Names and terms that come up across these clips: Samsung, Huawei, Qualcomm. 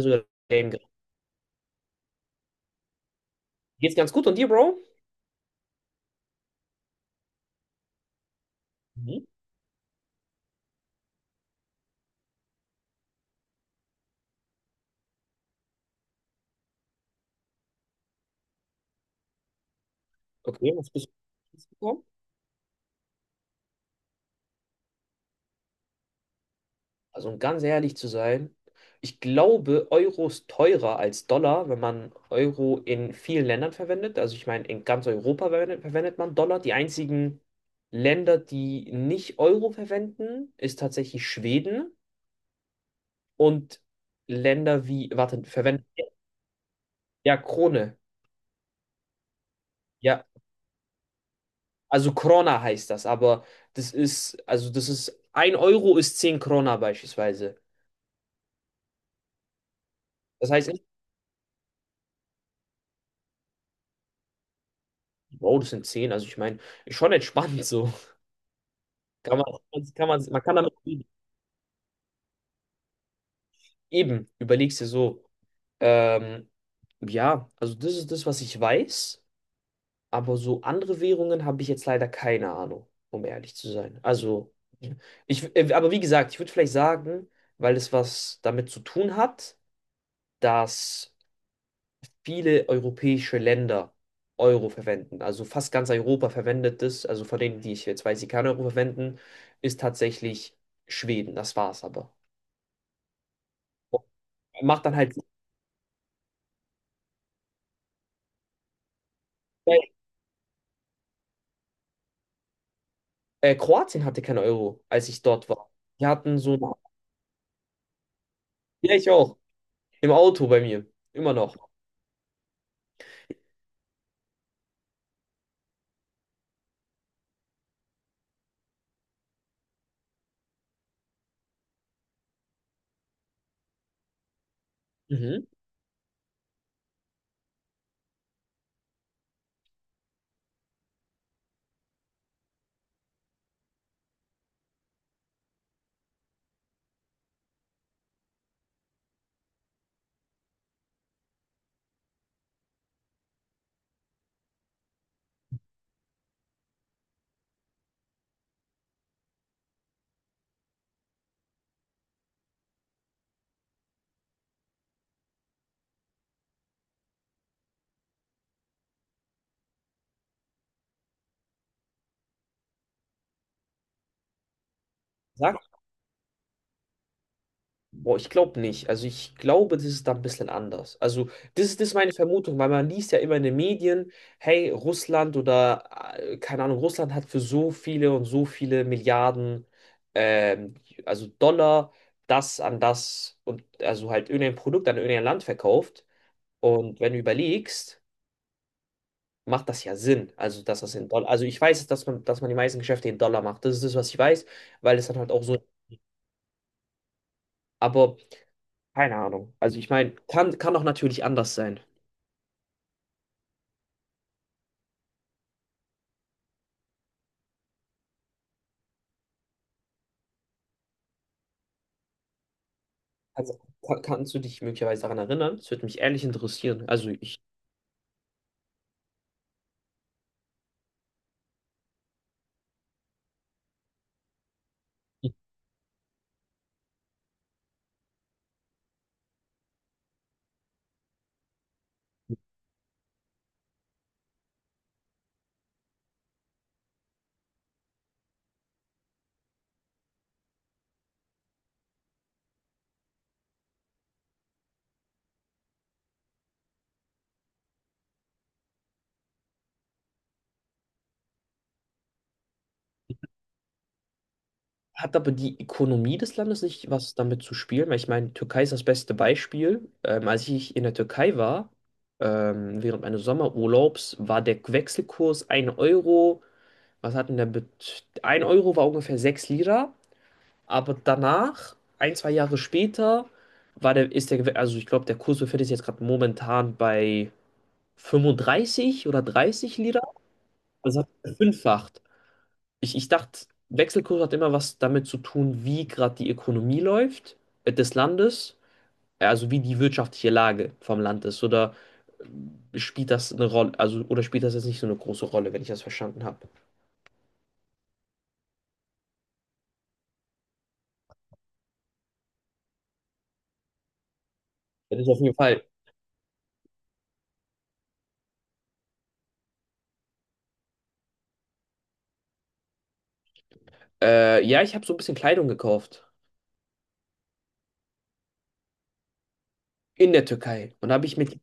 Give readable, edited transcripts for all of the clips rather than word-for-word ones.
Sogar Game gerecht. Geht's ganz gut und dir, Bro? Mhm. Okay, was bist du gekommen? Also, um ganz ehrlich zu sein, ich glaube, Euro ist teurer als Dollar, wenn man Euro in vielen Ländern verwendet. Also, ich meine, in ganz Europa verwendet man Dollar. Die einzigen Länder, die nicht Euro verwenden, ist tatsächlich Schweden und Länder wie, warte, verwenden, ja, Krone. Ja, also Krona heißt das, aber das ist, also das ist, ein Euro ist 10 Krona beispielsweise. Das heißt, echt, Bro, das sind 10. Also ich meine, ist schon entspannt so. Man kann damit leben. Eben, überlegst dir so, ähm, ja, also das ist das, was ich weiß, aber so andere Währungen habe ich jetzt leider keine Ahnung, um ehrlich zu sein. Also, aber wie gesagt, ich würde vielleicht sagen, weil es was damit zu tun hat, dass viele europäische Länder Euro verwenden. Also fast ganz Europa verwendet es. Also von denen, die ich jetzt weiß, die kein Euro verwenden, ist tatsächlich Schweden. Das war's aber. Macht dann halt so. Kroatien hatte kein Euro, als ich dort war. Die hatten so. Ja, ich auch. Im Auto bei mir. Immer noch. Mhm. Sag Boah, ich glaube nicht. Also ich glaube, das ist da ein bisschen anders. Also das ist meine Vermutung, weil man liest ja immer in den Medien, hey, Russland oder keine Ahnung, Russland hat für so viele und so viele Milliarden, ähm, also Dollar, das an das und also halt irgendein Produkt an irgendein Land verkauft. Und wenn du überlegst, macht das ja Sinn. Also dass das in Dollar, also ich weiß, dass man die meisten Geschäfte in Dollar macht. Das ist das, was ich weiß, weil es dann halt auch so. Aber keine Ahnung. Also ich meine, kann auch natürlich anders sein. Also, kannst du dich möglicherweise daran erinnern? Das würde mich ehrlich interessieren. Also ich hat aber die Ökonomie des Landes nicht was damit zu spielen, weil ich meine, Türkei ist das beste Beispiel. Als ich in der Türkei war, während meines Sommerurlaubs, war der Wechselkurs ein Euro, was hat denn der Bet 1 Euro war ungefähr 6 Lira, aber danach, ein, zwei Jahre später, war der, ist der, Gew- also ich glaube, der Kurs befindet sich jetzt gerade momentan bei 35 oder 30 Lira. Das hat verfünffacht. Ich dachte, Wechselkurs hat immer was damit zu tun, wie gerade die Ökonomie läuft, des Landes, also wie die wirtschaftliche Lage vom Land ist. Oder spielt das eine Rolle, also oder spielt das jetzt nicht so eine große Rolle, wenn ich das verstanden habe? Das ist auf jeden Fall. Ja, ich habe so ein bisschen Kleidung gekauft in der Türkei. Und da habe ich mit.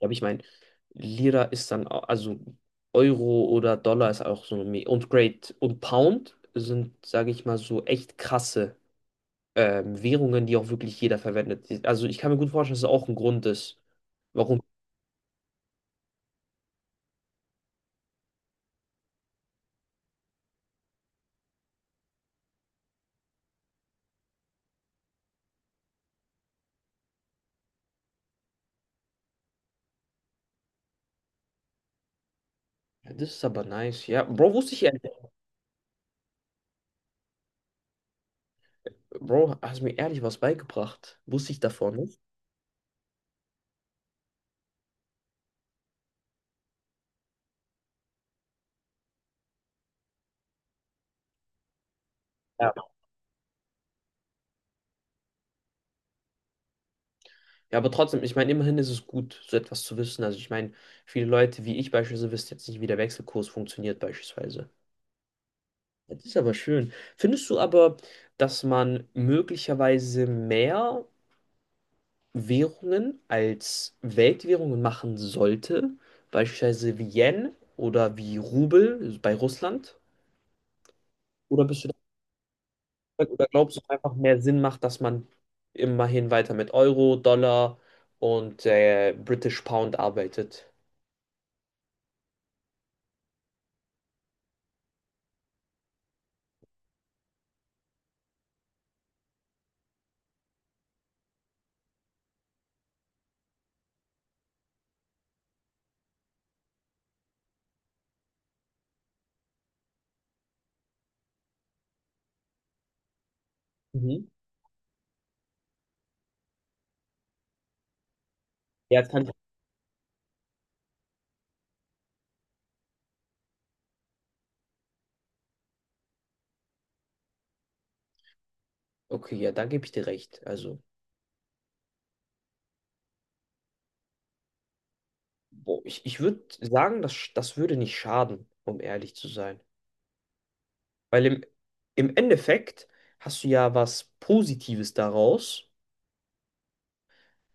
Ja, aber ich meine, Lira ist dann, also Euro oder Dollar ist auch so eine, und Great und Pound sind, sage ich mal, so echt krasse Währungen, die auch wirklich jeder verwendet. Also ich kann mir gut vorstellen, dass es auch ein Grund ist, warum. Ja, das ist aber nice, ja. Bro, wusste ich ehrlich. Bro, hast mir ehrlich was beigebracht. Wusste ich davon nicht? Ja. Ja, aber trotzdem, ich meine, immerhin ist es gut, so etwas zu wissen. Also ich meine, viele Leute wie ich beispielsweise wissen jetzt nicht, wie der Wechselkurs funktioniert beispielsweise. Das ist aber schön. Findest du aber, dass man möglicherweise mehr Währungen als Weltwährungen machen sollte? Beispielsweise wie Yen oder wie Rubel bei Russland? Oder bist du da, oder glaubst du, dass es einfach mehr Sinn macht, dass man immerhin weiter mit Euro, Dollar und British Pound arbeitet? Mhm. Ja, das kann ich. Okay, ja, da gebe ich dir recht. Also, boah, ich würde sagen, das würde nicht schaden, um ehrlich zu sein. Weil im Endeffekt hast du ja was Positives daraus,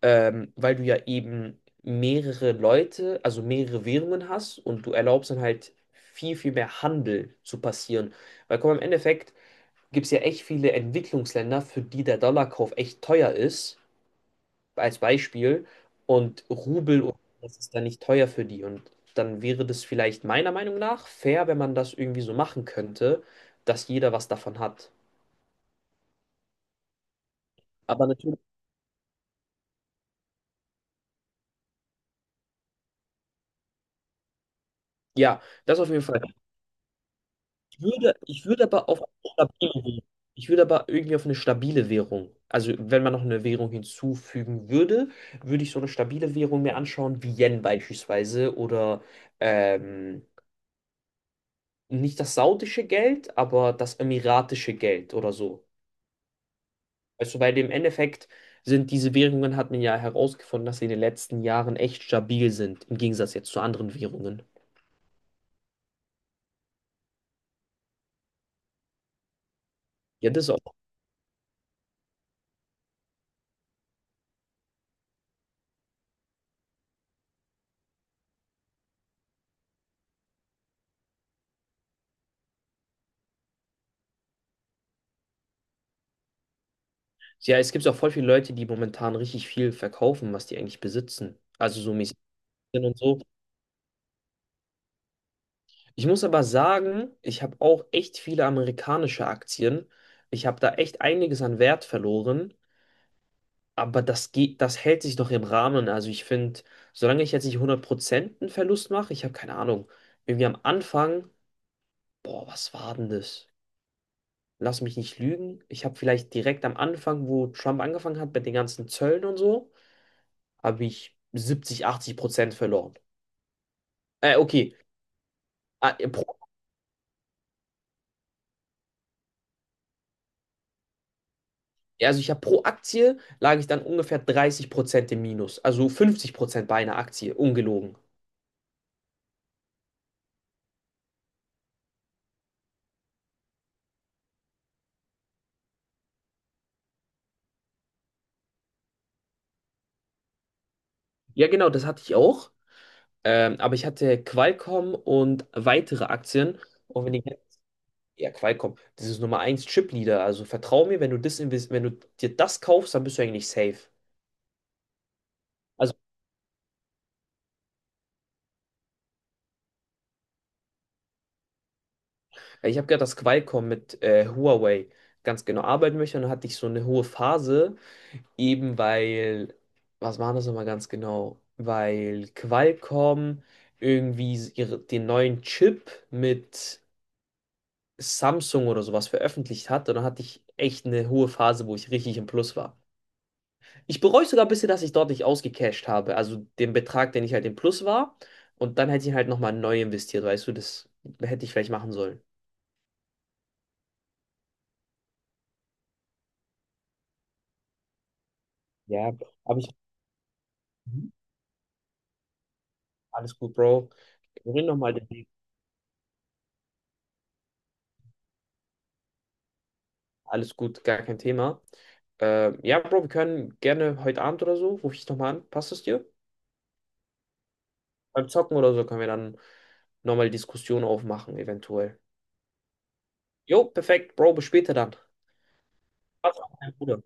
weil du ja eben mehrere Leute, also mehrere Währungen hast und du erlaubst dann halt viel, viel mehr Handel zu passieren. Weil komm, im Endeffekt gibt es ja echt viele Entwicklungsländer, für die der Dollarkauf echt teuer ist, als Beispiel, und Rubel und das ist dann nicht teuer für die. Und dann wäre das vielleicht meiner Meinung nach fair, wenn man das irgendwie so machen könnte, dass jeder was davon hat. Aber natürlich. Ja, das auf jeden Fall. Ich würde aber auf eine stabile Währung. Ich würde aber irgendwie auf eine stabile Währung. Also wenn man noch eine Währung hinzufügen würde, würde ich so eine stabile Währung mir anschauen, wie Yen beispielsweise oder ähm, nicht das saudische Geld, aber das emiratische Geld oder so. Also bei dem Endeffekt sind diese Währungen, hat man ja herausgefunden, dass sie in den letzten Jahren echt stabil sind, im Gegensatz jetzt zu anderen Währungen. Ja, das auch. Ja, es gibt auch voll viele Leute, die momentan richtig viel verkaufen, was die eigentlich besitzen. Also so mäßig und so. Ich muss aber sagen, ich habe auch echt viele amerikanische Aktien. Ich habe da echt einiges an Wert verloren, aber das geht, das hält sich noch im Rahmen. Also ich finde, solange ich jetzt nicht 100% einen Verlust mache, ich habe keine Ahnung. Irgendwie am Anfang, boah, was war denn das? Lass mich nicht lügen. Ich habe vielleicht direkt am Anfang, wo Trump angefangen hat mit den ganzen Zöllen und so, habe ich 70, 80% verloren. Okay. Ah, äh, Pro, also ich habe pro Aktie lag ich dann ungefähr 30% im Minus. Also 50% bei einer Aktie, ungelogen. Ja, genau, das hatte ich auch. Aber ich hatte Qualcomm und weitere Aktien. Und wenn ich, ja, Qualcomm, das ist Nummer eins Chipleader. Also vertrau mir, wenn du dir das kaufst, dann bist du eigentlich safe. Also ich habe gehört, dass Qualcomm mit Huawei ganz genau arbeiten möchte. Und dann hatte ich so eine hohe Phase, eben weil, was waren das nochmal ganz genau? Weil Qualcomm irgendwie den neuen Chip mit Samsung oder sowas veröffentlicht hat. Und dann hatte ich echt eine hohe Phase, wo ich richtig im Plus war. Ich bereue sogar ein bisschen, dass ich dort nicht ausgecashed habe. Also den Betrag, den ich halt im Plus war. Und dann hätte ich halt nochmal neu investiert, weißt du, das hätte ich vielleicht machen sollen. Ja, aber ich. Mhm. Alles gut, Bro. Wir reden nochmal. Alles gut, gar kein Thema. Ja, Bro, wir können gerne heute Abend oder so, rufe ich dich nochmal an. Passt es dir? Beim Zocken oder so können wir dann nochmal Diskussion aufmachen, eventuell. Jo, perfekt, Bro, bis später dann. Pass auf, mein Bruder.